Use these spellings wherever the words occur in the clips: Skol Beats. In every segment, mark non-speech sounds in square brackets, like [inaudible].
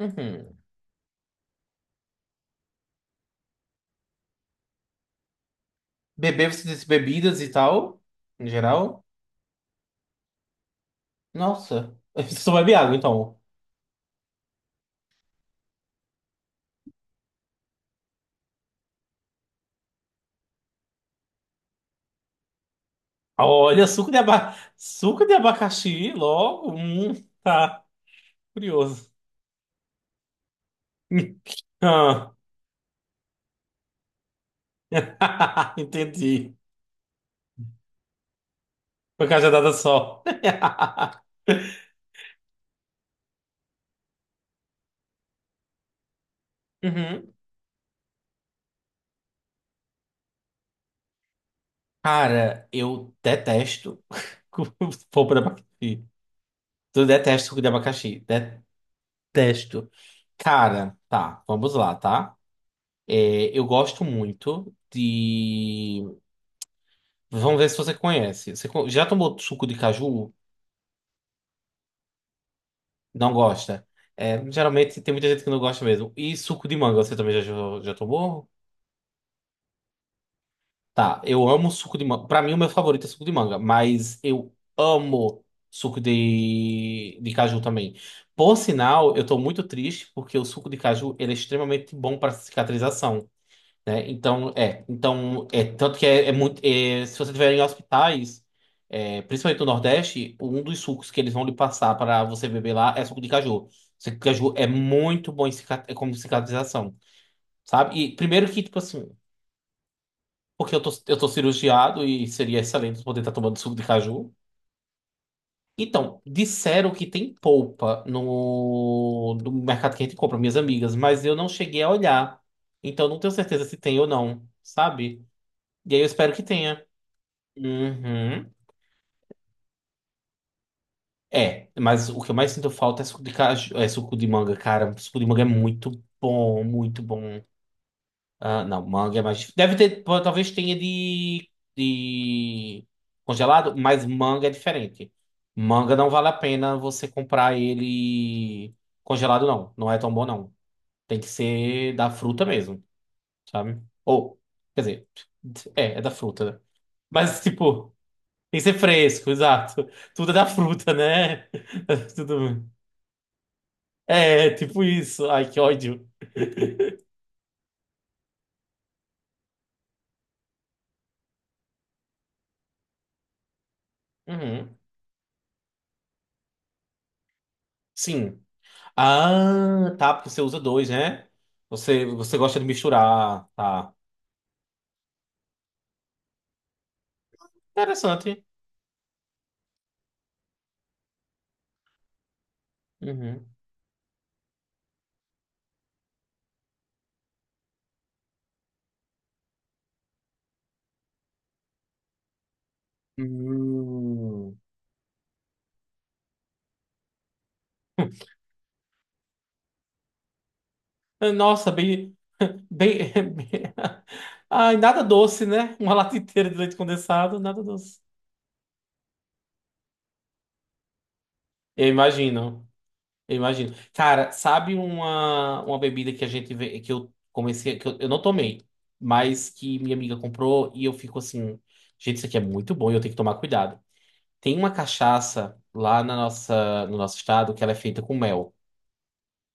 Uhum. Beber, você disse bebidas e tal, em geral. Nossa, [laughs] você só bebe água, então. Olha, suco de abacaxi, logo. Tá, curioso. [laughs] Ah. [laughs] Entendi. Foi cajadada só. [laughs] Uhum. Cara, eu detesto [laughs] polpa de abacaxi. Eu detesto suco de abacaxi. Detesto. Cara, tá, vamos lá, tá? É, eu gosto muito de. Vamos ver se você conhece. Já tomou suco de caju? Não gosta? É, geralmente tem muita gente que não gosta mesmo. E suco de manga, você também já, já tomou? Tá, eu amo suco de manga. Pra mim, o meu favorito é suco de manga, mas eu amo suco de caju também. Por sinal, eu tô muito triste porque o suco de caju ele é extremamente bom para cicatrização, né? Então, é, tanto que é, é muito, é, se você tiver em hospitais, é, principalmente no Nordeste, um dos sucos que eles vão lhe passar para você beber lá é suco de caju. Suco de caju é muito bom em é como cicatrização, sabe? E primeiro que, tipo assim, porque eu tô cirurgiado e seria excelente poder estar tomando suco de caju. Então, disseram que tem polpa no mercado que a gente compra, minhas amigas, mas eu não cheguei a olhar. Então, não tenho certeza se tem ou não, sabe? E aí eu espero que tenha. Uhum. É, mas o que eu mais sinto falta é suco de caju, é suco de manga, cara. Suco de manga é muito bom, muito bom. Ah, não, manga é mais difícil. Deve ter, pô, talvez tenha de, de congelado, mas manga é diferente. Manga não vale a pena você comprar ele congelado, não. Não é tão bom, não. Tem que ser da fruta mesmo, sabe? Ou, quer dizer, é, da fruta, né? Mas, tipo. Tem que ser fresco, exato. Tudo é da fruta, né? [laughs] Tudo. É, tipo isso. Ai, que ódio. Uhum. Sim. Ah, tá, porque você usa dois, né? Você, gosta de misturar, tá. Interessante. Uhum. Hum. Nossa, bem, bem, [laughs] bem- Ai, nada doce, né? Uma lata inteira de leite condensado, nada doce. Eu imagino. Eu imagino. Cara, sabe uma bebida que a gente vê, que eu comecei, que eu não tomei, mas que minha amiga comprou e eu fico assim, gente, isso aqui é muito bom e eu tenho que tomar cuidado. Tem uma cachaça lá no nosso estado que ela é feita com mel,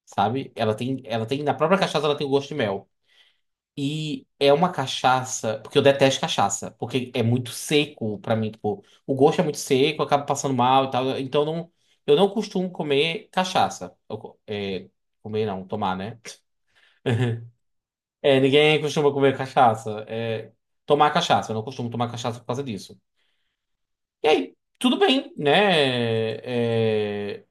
sabe? Ela tem, na própria cachaça ela tem o gosto de mel. E é uma cachaça, porque eu detesto cachaça, porque é muito seco pra mim, tipo, o gosto é muito seco, eu acabo passando mal e tal, então não, eu não costumo comer cachaça. Comer não, tomar, né? [laughs] É, ninguém costuma comer cachaça, tomar cachaça, eu não costumo tomar cachaça por causa disso. E aí, tudo bem, né? É,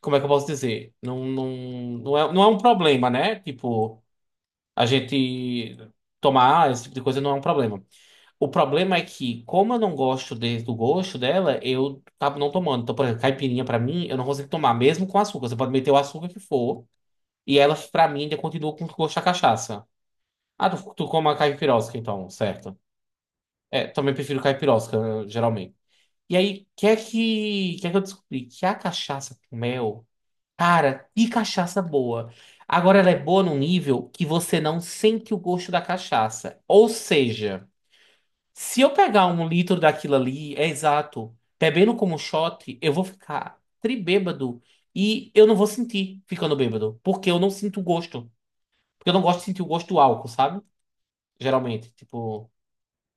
como é que eu posso dizer? Não, não, não é um problema, né? Tipo, a gente tomar esse tipo de coisa não é um problema. O problema é que, como eu não do gosto dela, eu acabo não tomando. Então, por exemplo, caipirinha pra mim, eu não consigo tomar, mesmo com açúcar. Você pode meter o açúcar que for, e ela, pra mim, ainda continua com o gosto da cachaça. Ah, tu come a caipirosca, então, certo? É, também prefiro caipirosca, geralmente. E aí, o que é que, eu descobri? Que a cachaça com mel, cara, que cachaça boa. Agora ela é boa num nível que você não sente o gosto da cachaça. Ou seja. Se eu pegar um litro daquilo ali, é exato, bebendo como shot, eu vou ficar tribêbado e eu não vou sentir ficando bêbado, porque eu não sinto gosto. Porque eu não gosto de sentir o gosto do álcool, sabe? Geralmente, tipo.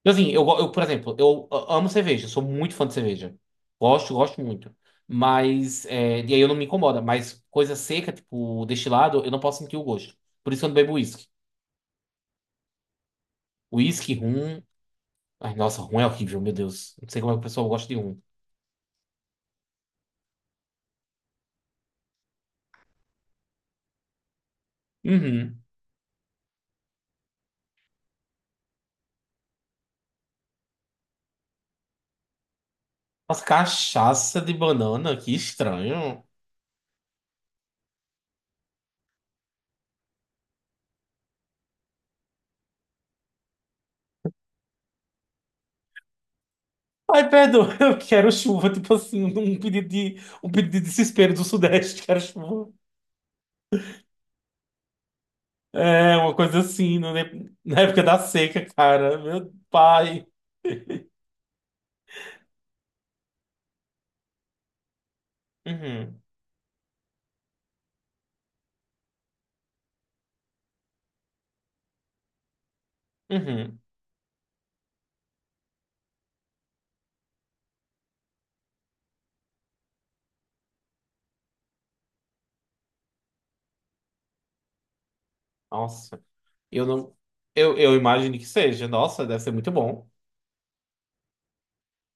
Assim, por exemplo, eu amo cerveja, sou muito fã de cerveja. Gosto muito. Mas, e aí eu não me incomoda, mas coisa seca, tipo destilado, eu não posso sentir o gosto. Por isso que eu não bebo uísque. Uísque, rum. Ai, nossa, rum é horrível, meu Deus. Não sei como é que o pessoal gosta de rum. Uhum. Mas cachaça de banana, que estranho. Ai, perdoa, [laughs] eu quero chuva, tipo assim, um pedido de desespero do Sudeste, [laughs] quero chuva. É, uma coisa assim, né, na época da seca, cara, meu pai. Uhum, uhum. Nossa, eu não. Eu imagino que seja, nossa, deve ser muito bom.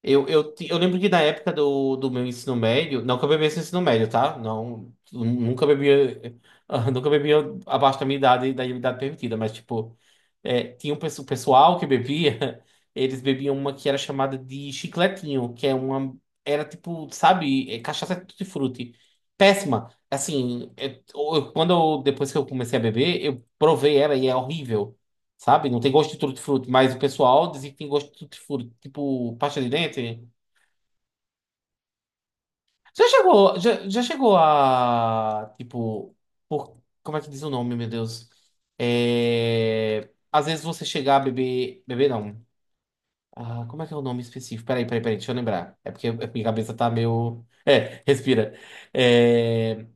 Eu lembro que na época do meu ensino médio, não que eu bebesse no ensino médio, tá? Não, eu nunca bebia, [laughs] nunca bebia abaixo da minha idade, da idade permitida, mas tipo, tinha um pessoal que bebia, [laughs] eles bebiam uma que era chamada de chicletinho, que é uma, era tipo, sabe, é cachaça tutti-frutti. Péssima. Assim, quando depois que eu comecei a beber, eu provei ela e é horrível. Sabe? Não tem gosto de tutti-frutti, mas o pessoal diz que tem gosto de tutti-frutti, tipo pasta de dente. Já chegou a, tipo, por, como é que diz o nome, meu Deus? É, às vezes você chegar a beber, beber não. Ah, como é que é o nome específico? Peraí, peraí, peraí, deixa eu lembrar. É porque a minha cabeça tá meio. É, respira. É,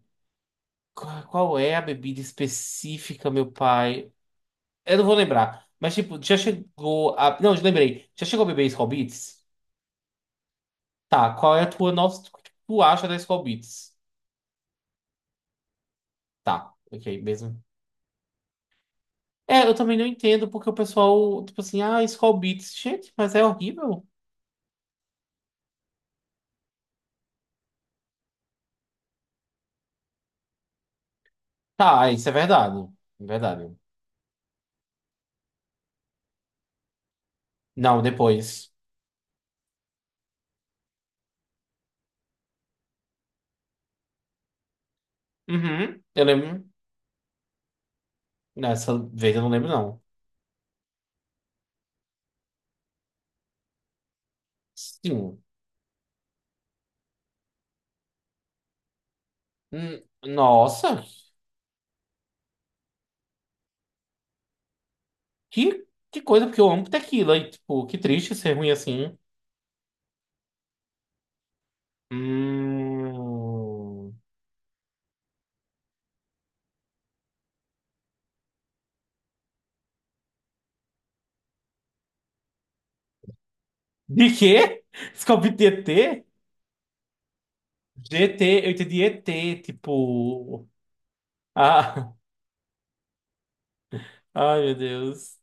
Qual é a bebida específica, meu pai? Eu não vou lembrar. Mas, tipo, já chegou a. Não, já lembrei. Já chegou a beber Skol Beats? Tá, qual é a tua nossa, o que tu acha da Skol Beats? Tá, ok, mesmo. É, eu também não entendo porque o pessoal, tipo assim, ah, Skol Beats, gente, mas é horrível. Tá, ah, isso é verdade. É verdade. Não, depois. Uhum, eu lembro. Nessa vez eu não lembro, não. Sim. Nossa, que coisa, porque eu amo tequila e, tipo, que triste ser ruim assim. Hum. De quê? Scooby-DT? GT, eu entendi ET, tipo. Ah, [laughs] ai, meu Deus.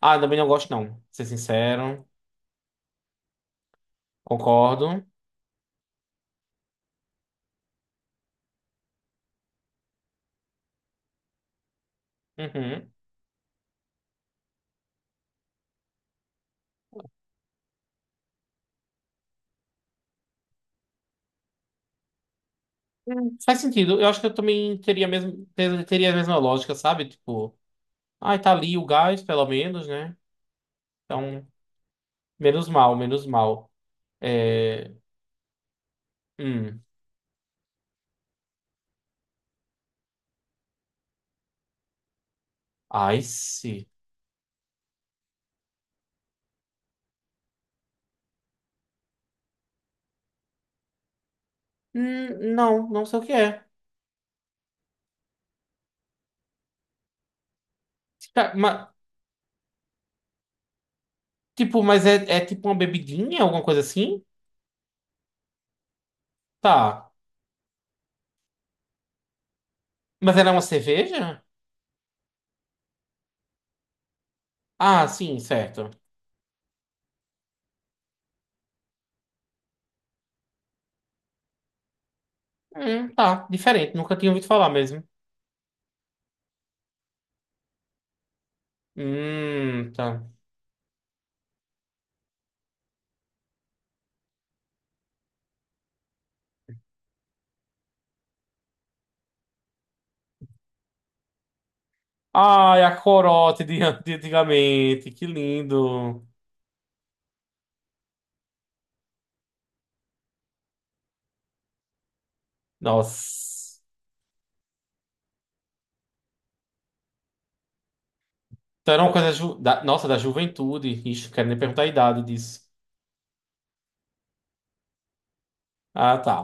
Ah, também não gosto, não. Pra ser sincero, concordo. Uhum. Faz sentido. Eu acho que eu também teria mesmo, teria a mesma lógica, sabe? Tipo, ai, tá ali o gás, pelo menos, né? Então, menos mal, menos mal. É. Hum. Ai, sim. Não, não sei o que é. Tá, tipo, mas é tipo uma bebidinha, alguma coisa assim? Tá. Mas ela é uma cerveja? Ah, sim, certo. Tá, diferente. Nunca tinha ouvido falar mesmo. Tá. Ai, a corote de antigamente, que lindo. Nossa. Então era uma coisa da juventude. Ixi, não quero nem perguntar a idade disso. Ah, tá.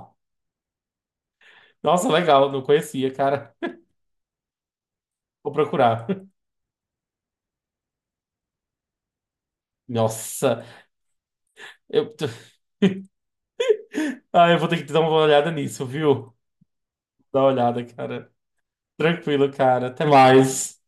Nossa, legal, não conhecia, cara. [laughs] Vou procurar. Nossa, eu, [laughs] ah, eu vou ter que dar uma olhada nisso, viu? Dá uma olhada, cara. Tranquilo, cara. Até mais.